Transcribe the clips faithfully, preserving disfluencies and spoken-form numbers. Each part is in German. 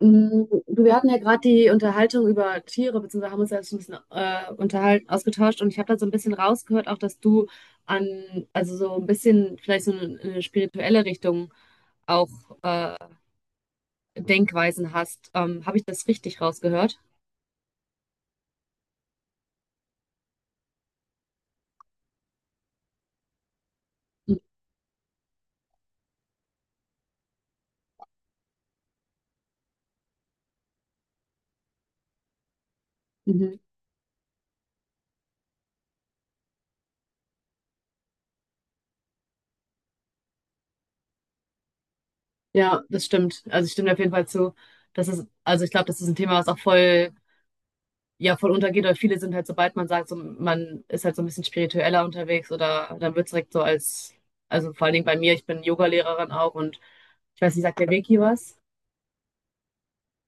Mm, Du, wir hatten ja gerade die Unterhaltung über Tiere, beziehungsweise haben uns ja so ein bisschen äh, unterhalten, ausgetauscht und ich habe da so ein bisschen rausgehört, auch dass du an, also so ein bisschen vielleicht so eine, eine spirituelle Richtung auch äh, Denkweisen hast. Ähm, habe ich das richtig rausgehört? Mhm. Ja, das stimmt. Also ich stimme dir auf jeden Fall zu. Das ist, also ich glaube, das ist ein Thema, was auch voll ja voll untergeht, oder viele sind halt, sobald man sagt, so, man ist halt so ein bisschen spiritueller unterwegs oder dann wird es direkt so als, also vor allen Dingen bei mir, ich bin Yoga-Lehrerin auch und ich weiß nicht, sagt der Reiki was?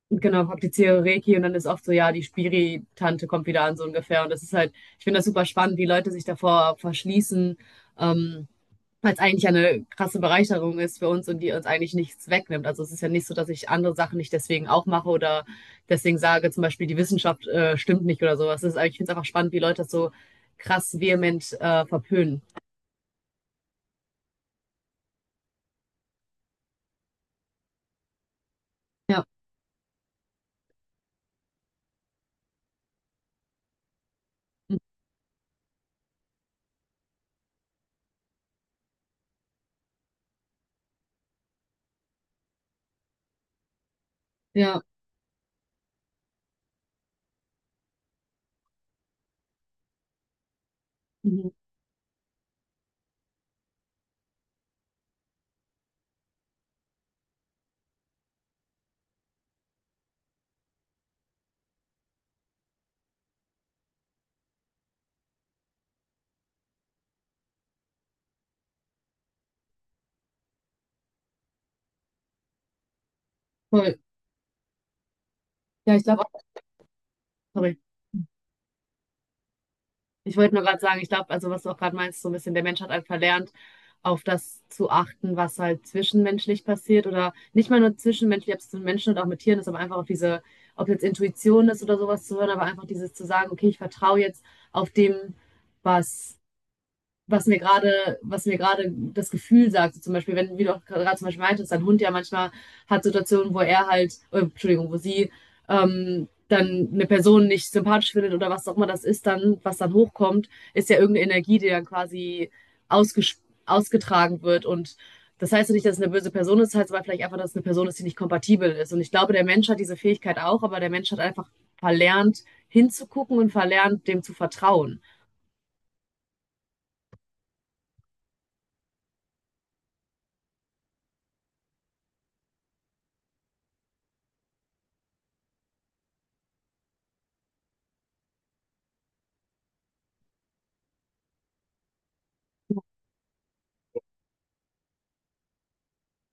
Und genau, praktiziere Reiki und dann ist oft so, ja, die Spiri-Tante kommt wieder an, so ungefähr. Und das ist halt, ich finde das super spannend, wie Leute sich davor verschließen. Ähm, Weil es eigentlich ja eine krasse Bereicherung ist für uns und die uns eigentlich nichts wegnimmt. Also es ist ja nicht so, dass ich andere Sachen nicht deswegen auch mache oder deswegen sage, zum Beispiel die Wissenschaft äh, stimmt nicht oder sowas. Das ist, ich finde es einfach spannend, wie Leute das so krass vehement äh, verpönen. Ja, ja, mhm. Voll. Ja, ich glaube auch, sorry. Ich wollte nur gerade sagen, ich glaube, also was du auch gerade meinst, so ein bisschen, der Mensch hat halt verlernt, auf das zu achten, was halt zwischenmenschlich passiert oder nicht mal nur zwischenmenschlich, ob es mit Menschen und auch mit Tieren ist, aber einfach auf diese, ob jetzt Intuition ist oder sowas zu hören, aber einfach dieses zu sagen, okay, ich vertraue jetzt auf dem, was was mir gerade, was mir gerade das Gefühl sagt. So zum Beispiel, wenn, wie du auch gerade zum Beispiel meintest, dein Hund ja manchmal hat Situationen, wo er halt, äh, Entschuldigung, wo sie ähm, dann eine Person nicht sympathisch findet oder was auch immer das ist, dann, was dann hochkommt, ist ja irgendeine Energie, die dann quasi ausges ausgetragen wird. Und das heißt ja nicht, dass es eine böse Person ist, das heißt aber vielleicht einfach, dass es eine Person ist, die nicht kompatibel ist. Und ich glaube, der Mensch hat diese Fähigkeit auch, aber der Mensch hat einfach verlernt, hinzugucken und verlernt, dem zu vertrauen.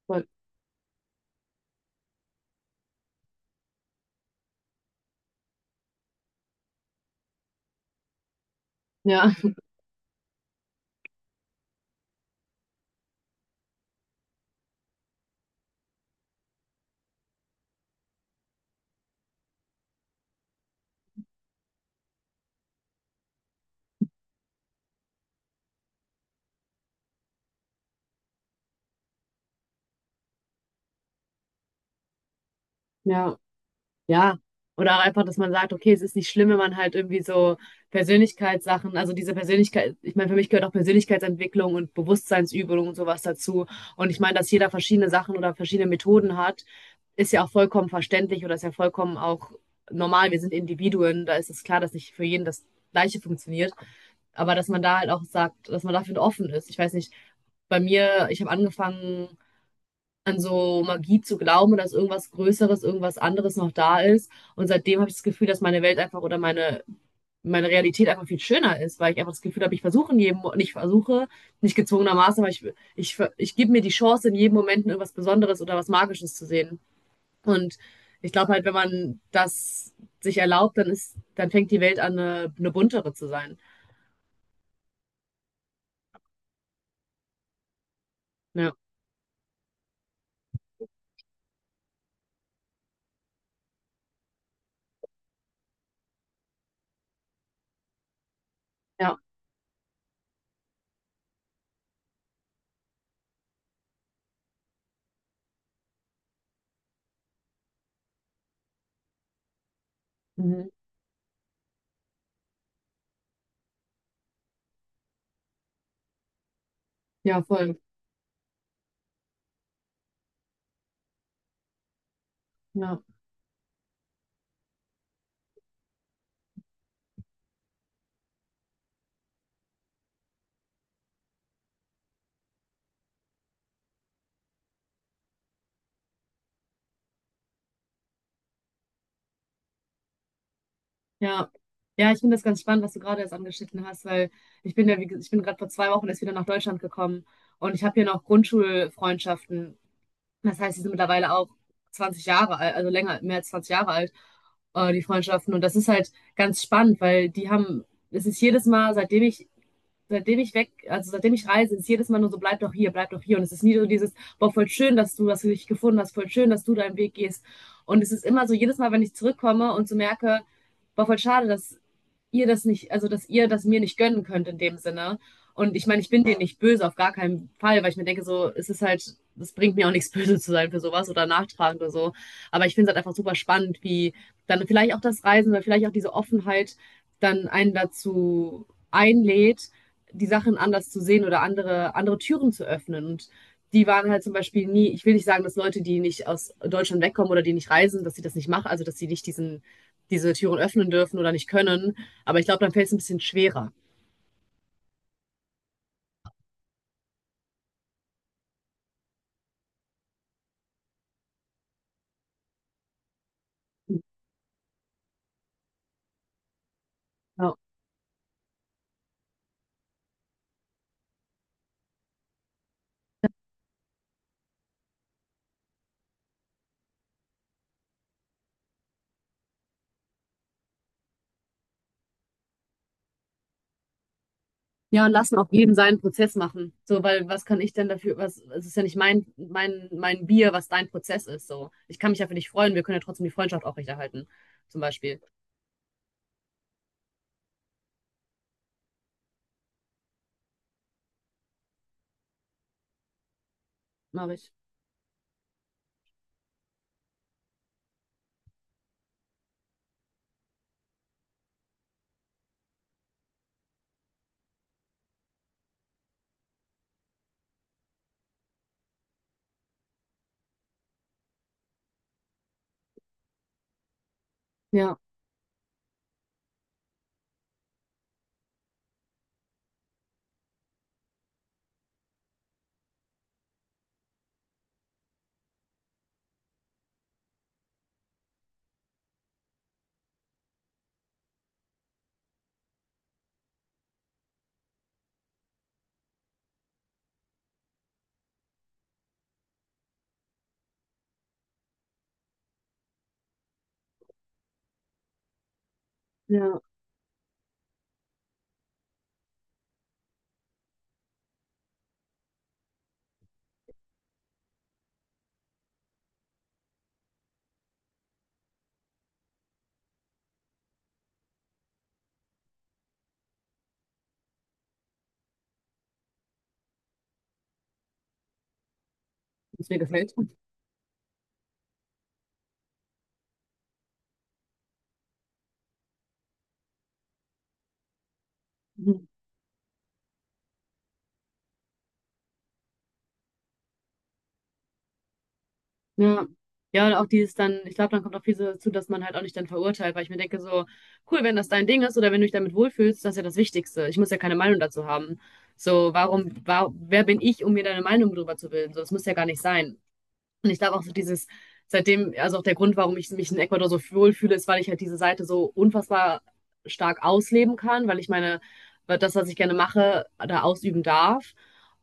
Voll. Ja, ja. Ja, oder auch einfach, dass man sagt, okay, es ist nicht schlimm, wenn man halt irgendwie so Persönlichkeitssachen, also diese Persönlichkeit, ich meine, für mich gehört auch Persönlichkeitsentwicklung und Bewusstseinsübung und sowas dazu. Und ich meine, dass jeder verschiedene Sachen oder verschiedene Methoden hat, ist ja auch vollkommen verständlich oder ist ja vollkommen auch normal. Wir sind Individuen, da ist es klar, dass nicht für jeden das Gleiche funktioniert. Aber dass man da halt auch sagt, dass man dafür offen ist. Ich weiß nicht, bei mir, ich habe angefangen, an so Magie zu glauben und dass irgendwas Größeres, irgendwas anderes noch da ist. Und seitdem habe ich das Gefühl, dass meine Welt einfach oder meine, meine Realität einfach viel schöner ist, weil ich einfach das Gefühl habe, ich versuche in jedem, Mo- nicht versuche, nicht gezwungenermaßen, aber ich, ich, ver- ich gebe mir die Chance, in jedem Moment irgendwas Besonderes oder was Magisches zu sehen. Und ich glaube halt, wenn man das sich erlaubt, dann ist, dann fängt die Welt an, eine, eine buntere zu sein. Ja, ja, mhm. Ja, voll. Ja. Ja, ja, ich finde das ganz spannend, was du gerade jetzt angeschnitten hast, weil ich bin ja, wie, ge- ich bin gerade vor zwei Wochen erst wieder nach Deutschland gekommen und ich habe hier noch Grundschulfreundschaften. Das heißt, die sind mittlerweile auch zwanzig Jahre alt, also länger, mehr als zwanzig Jahre alt, äh, die Freundschaften. Und das ist halt ganz spannend, weil die haben, es ist jedes Mal, seitdem ich, seitdem ich weg, also seitdem ich reise, ist jedes Mal nur so, bleib doch hier, bleib doch hier. Und es ist nie so dieses, boah, voll schön, dass du, dass du dich gefunden hast, voll schön, dass du deinen Weg gehst. Und es ist immer so, jedes Mal, wenn ich zurückkomme und so merke, war voll schade, dass ihr das nicht, also dass ihr das mir nicht gönnen könnt in dem Sinne. Und ich meine, ich bin denen nicht böse, auf gar keinen Fall, weil ich mir denke, so, es ist halt, es bringt mir auch nichts böse zu sein für sowas oder nachtragend oder so. Aber ich finde es halt einfach super spannend, wie dann vielleicht auch das Reisen oder vielleicht auch diese Offenheit dann einen dazu einlädt, die Sachen anders zu sehen oder andere, andere Türen zu öffnen. Und die waren halt zum Beispiel nie, ich will nicht sagen, dass Leute, die nicht aus Deutschland wegkommen oder die nicht reisen, dass sie das nicht machen, also dass sie nicht diesen, diese Türen öffnen dürfen oder nicht können. Aber ich glaube, dann fällt es ein bisschen schwerer. Ja. Ja, und lassen auch jeden seinen Prozess machen. So, weil was kann ich denn dafür, was, es ist ja nicht mein, mein, mein Bier, was dein Prozess ist. So, ich kann mich ja für dich freuen, wir können ja trotzdem die Freundschaft aufrechterhalten. Zum Beispiel. Mache ich. Ja, ja. Was mir gefällt. Mhm. Ja. Ja, und auch dieses dann, ich glaube, dann kommt auch viel so dazu, dass man halt auch nicht dann verurteilt, weil ich mir denke, so, cool, wenn das dein Ding ist oder wenn du dich damit wohlfühlst, das ist ja das Wichtigste. Ich muss ja keine Meinung dazu haben. So, warum, wa wer bin ich, um mir deine Meinung darüber zu bilden? So, das muss ja gar nicht sein. Und ich glaube auch so dieses, seitdem, also auch der Grund, warum ich mich in Ecuador so wohlfühle, ist, weil ich halt diese Seite so unfassbar stark ausleben kann, weil ich meine, weil das, was ich gerne mache, da ausüben darf.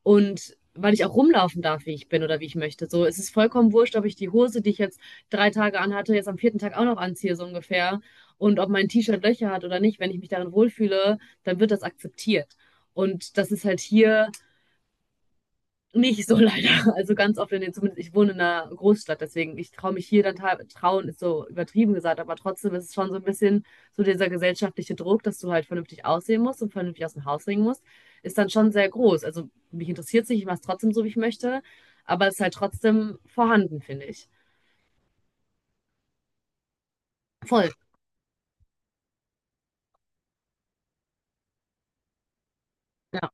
Und weil ich auch rumlaufen darf, wie ich bin oder wie ich möchte. So, es ist vollkommen wurscht, ob ich die Hose, die ich jetzt drei Tage anhatte, jetzt am vierten Tag auch noch anziehe, so ungefähr. Und ob mein T-Shirt Löcher hat oder nicht, wenn ich mich darin wohlfühle, dann wird das akzeptiert. Und das ist halt hier nicht so leider. Also ganz oft in den, zumindest ich wohne in einer Großstadt, deswegen ich traue mich hier dann teil- trauen, ist so übertrieben gesagt, aber trotzdem ist es schon so ein bisschen so dieser gesellschaftliche Druck, dass du halt vernünftig aussehen musst und vernünftig aus dem Haus bringen musst, ist dann schon sehr groß. Also mich interessiert es nicht, ich mache es trotzdem so, wie ich möchte, aber es ist halt trotzdem vorhanden, finde ich. Voll. Ja.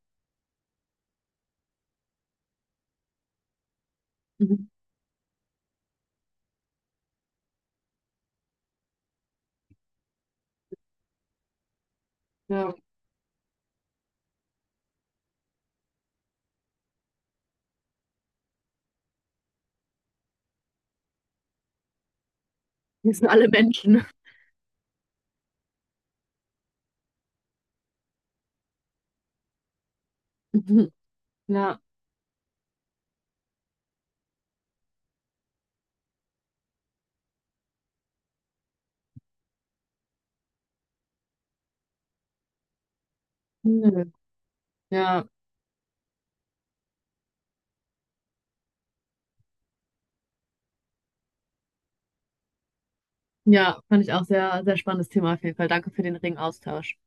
Mhm. Ja. Wir sind alle Menschen. Mhm. Ja. Nö. Ja. Ja, fand ich auch sehr, sehr spannendes Thema auf jeden Fall. Danke für den regen Austausch.